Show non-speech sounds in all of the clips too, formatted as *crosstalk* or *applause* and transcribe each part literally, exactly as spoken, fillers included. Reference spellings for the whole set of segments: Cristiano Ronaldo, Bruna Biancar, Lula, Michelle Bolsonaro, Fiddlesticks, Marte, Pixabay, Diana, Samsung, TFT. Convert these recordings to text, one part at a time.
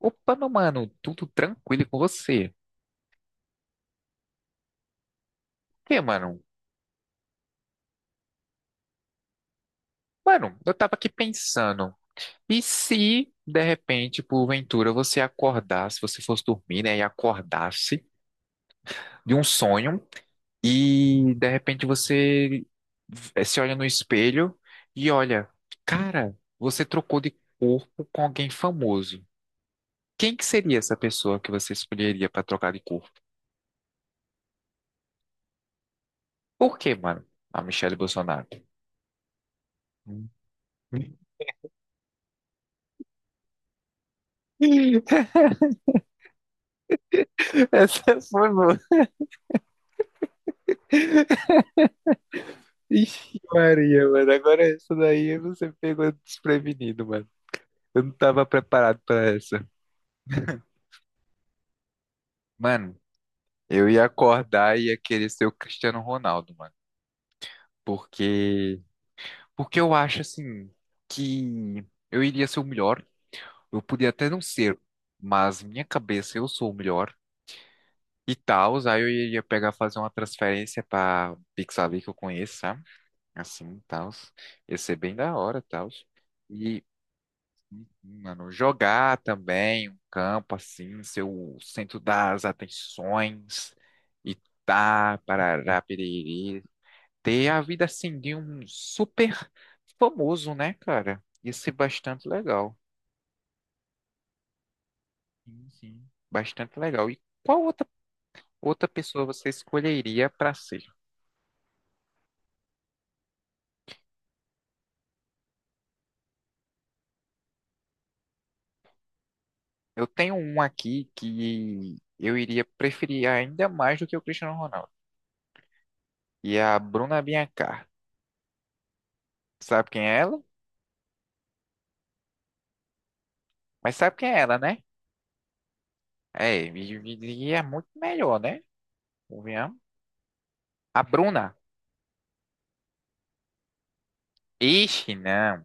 Opa, meu mano, tudo tranquilo e com você? Que, mano? Mano, eu tava aqui pensando, e se de repente, porventura, você acordasse, você fosse dormir, né, e acordasse de um sonho e de repente você eh, se olha no espelho e olha, cara, você trocou de corpo com alguém famoso. Quem que seria essa pessoa que você escolheria pra trocar de corpo? Por quê, mano? A Michelle Bolsonaro. *laughs* Essa foi. Ixi, Maria, mano. Agora essa daí você pegou desprevenido, mano. Eu não tava preparado pra essa. Mano, eu ia acordar e ia querer ser o Cristiano Ronaldo, mano. Porque. Porque eu acho, assim, que eu iria ser o melhor. Eu podia até não ser, mas minha cabeça eu sou o melhor. E tal, aí eu iria pegar, fazer uma transferência pra Pixabay que eu conheço, sabe? Assim, tal. Ia ser bem da hora, tal. Mano, jogar também, um campo assim, ser o centro das atenções, e tá, parará, piriri, ter a vida assim de um super famoso, né, cara? Ia ser bastante legal. Sim, sim, bastante legal. E qual outra, outra pessoa você escolheria para ser? Eu tenho um aqui que eu iria preferir ainda mais do que o Cristiano Ronaldo, e é a Bruna Biancar. Sabe quem é ela? Mas sabe quem é ela, né? É, e, e- e é muito melhor, né? Convenhamos. A Bruna. Ixi, não.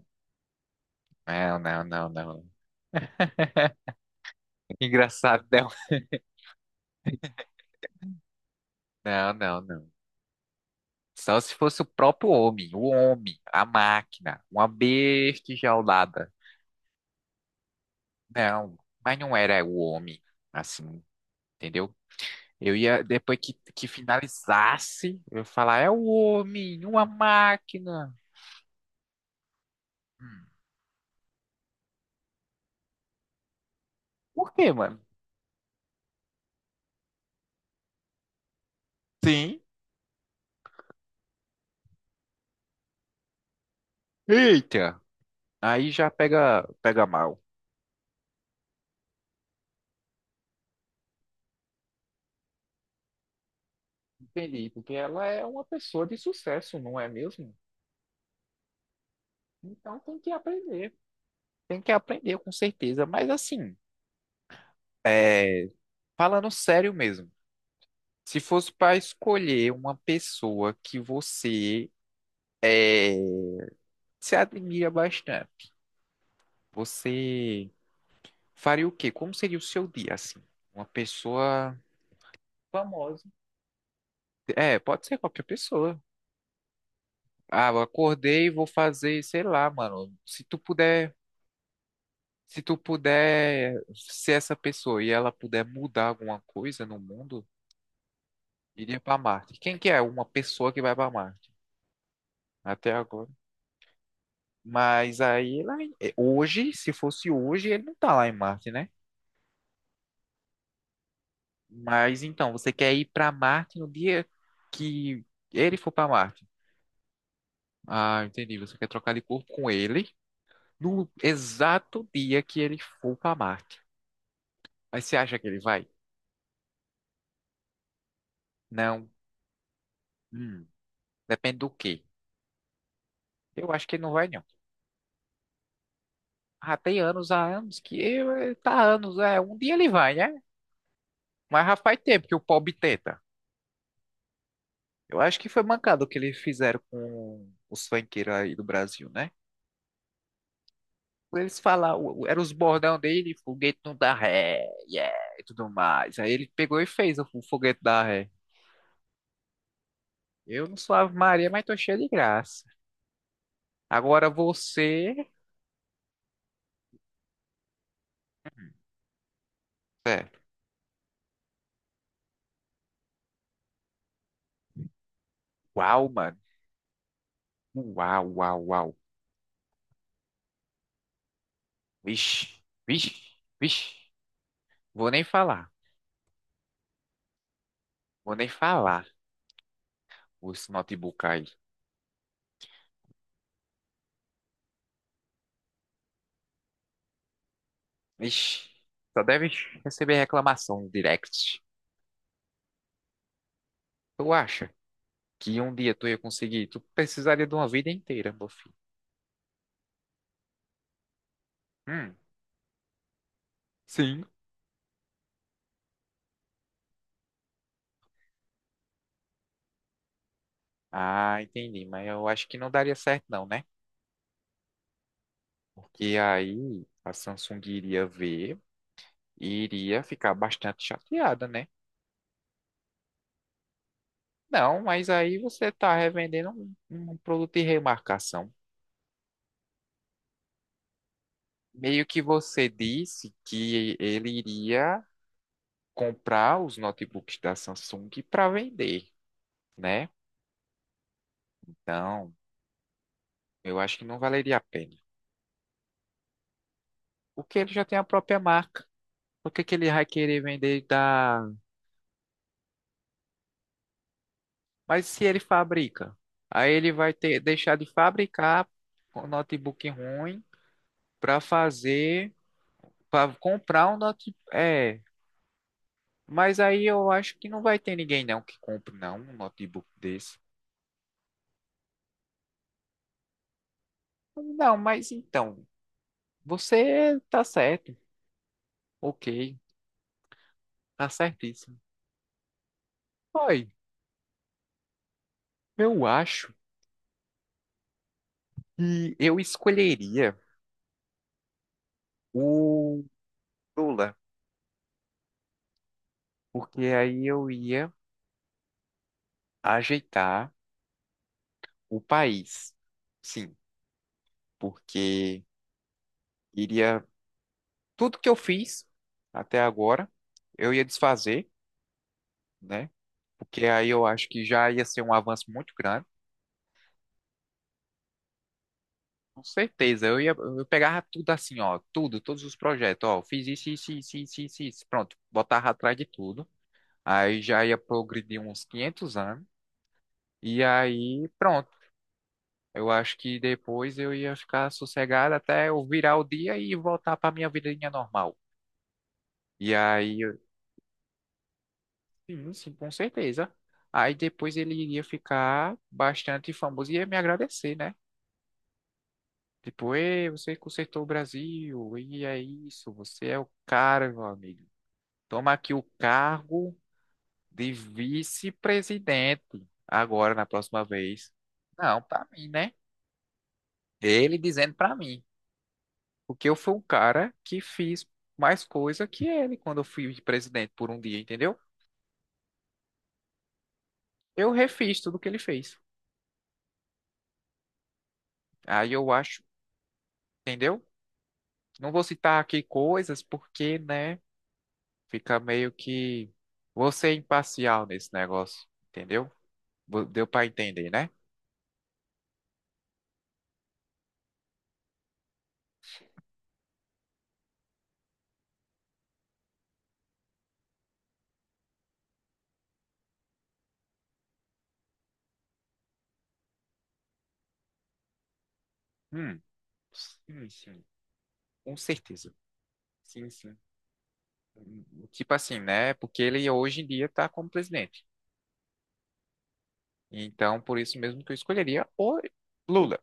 Não, não, não, não. *laughs* Engraçado, não. Não, não, não. Só se fosse o próprio homem, o homem, a máquina, uma besta enjaulada. Não, mas não era o homem, assim, entendeu? Eu ia, depois que, que finalizasse, eu ia falar, é o homem, uma máquina. Hum. Por quê, mano? Sim. Eita! Aí já pega, pega mal. Entendi, porque ela é uma pessoa de sucesso, não é mesmo? Então tem que aprender, tem que aprender com certeza. Mas assim, é, falando sério mesmo, se fosse para escolher uma pessoa que você, é, se admira bastante, você faria o quê? Como seria o seu dia assim? Uma pessoa famosa? É, pode ser qualquer pessoa. Ah, eu acordei e vou fazer, sei lá, mano. Se tu puder, se tu puder ser essa pessoa e ela puder mudar alguma coisa no mundo, iria pra Marte. Quem que é uma pessoa que vai pra Marte? Até agora. Mas aí, lá em- eh, hoje, se fosse hoje, ele não tá lá em Marte, né? Mas então, você quer ir pra Marte no dia que ele for pra Marte. Ah, entendi. Você quer trocar de corpo com ele no exato dia que ele for pra Marte. Mas você acha que ele vai? Não. Hum, depende do quê? Eu acho que ele não vai, não. Ah, tem anos, há anos que eh, tá há anos, é, um dia ele vai, né? Mas já faz tempo que o pobre tenta. Eu acho que foi mancado o que eles fizeram com os funkeiros aí do Brasil, né? Eles falavam, era os bordão dele, foguete não dá ré, yeah, e tudo mais. Aí ele pegou e fez o foguete da ré. Eu não sou Ave Maria, mas tô cheio de graça. Agora você. É. Uau, mano. Uau, uau, uau. Vixe, vixe, vixe. Vou nem falar, vou nem falar. Os notebook aí. Ixi, só deve receber reclamação no direct. Tu acha que um dia tu ia conseguir? Tu precisaria de uma vida inteira, meu filho. Hum, sim. Ah, entendi. Mas eu acho que não daria certo, não, né? Porque aí a Samsung iria ver e iria ficar bastante chateada, né? Não, mas aí você tá revendendo um, um produto de remarcação. Meio que você disse que ele iria comprar os notebooks da Samsung para vender, né? Então, eu acho que não valeria a pena. Porque ele já tem a própria marca. Por que que ele vai querer vender da... Mas se ele fabrica, aí ele vai ter deixar de fabricar um notebook ruim para fazer, para comprar um notebook. É, mas aí eu acho que não vai ter ninguém não que compre não um notebook desse. Não, mas então, você tá certo. Ok, tá certíssimo. Foi. Eu acho que eu escolheria o Lula, porque aí eu ia ajeitar o país. Sim, porque iria tudo que eu fiz até agora, eu ia desfazer, né? Porque aí eu acho que já ia ser um avanço muito grande. Com certeza, eu ia, eu pegava tudo assim, ó, tudo, todos os projetos, ó, fiz isso, isso, isso, isso, isso, isso, pronto, botava atrás de tudo. Aí já ia progredir uns quinhentos anos. E aí, pronto. Eu acho que depois eu ia ficar sossegado até eu virar o dia e voltar para minha vidinha normal. E aí, eu- sim, sim, com certeza. Aí depois ele iria ficar bastante famoso e ia me agradecer, né? Tipo, ei, você consertou o Brasil, e é isso, você é o cara, meu amigo. Toma aqui o cargo de vice-presidente agora na próxima vez. Não, pra mim, né? Ele dizendo pra mim. Porque eu fui o cara que fiz mais coisa que ele quando eu fui presidente por um dia, entendeu? Eu refiz tudo que ele fez. Aí eu acho, entendeu? Não vou citar aqui coisas porque, né, fica meio que você é imparcial nesse negócio, entendeu? Vo- Deu pra entender, né? Hum, sim, sim, com certeza. Sim, sim. Hum, tipo assim, né? Porque ele hoje em dia tá como presidente. Então, por isso mesmo que eu escolheria o Lula.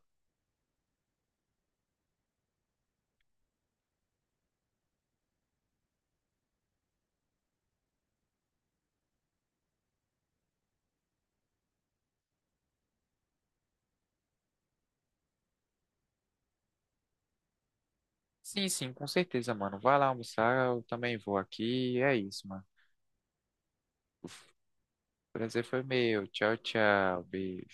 Sim, sim, com certeza, mano. Vai lá almoçar, eu também vou aqui. É isso, mano. O prazer foi meu. Tchau, tchau. Beijo.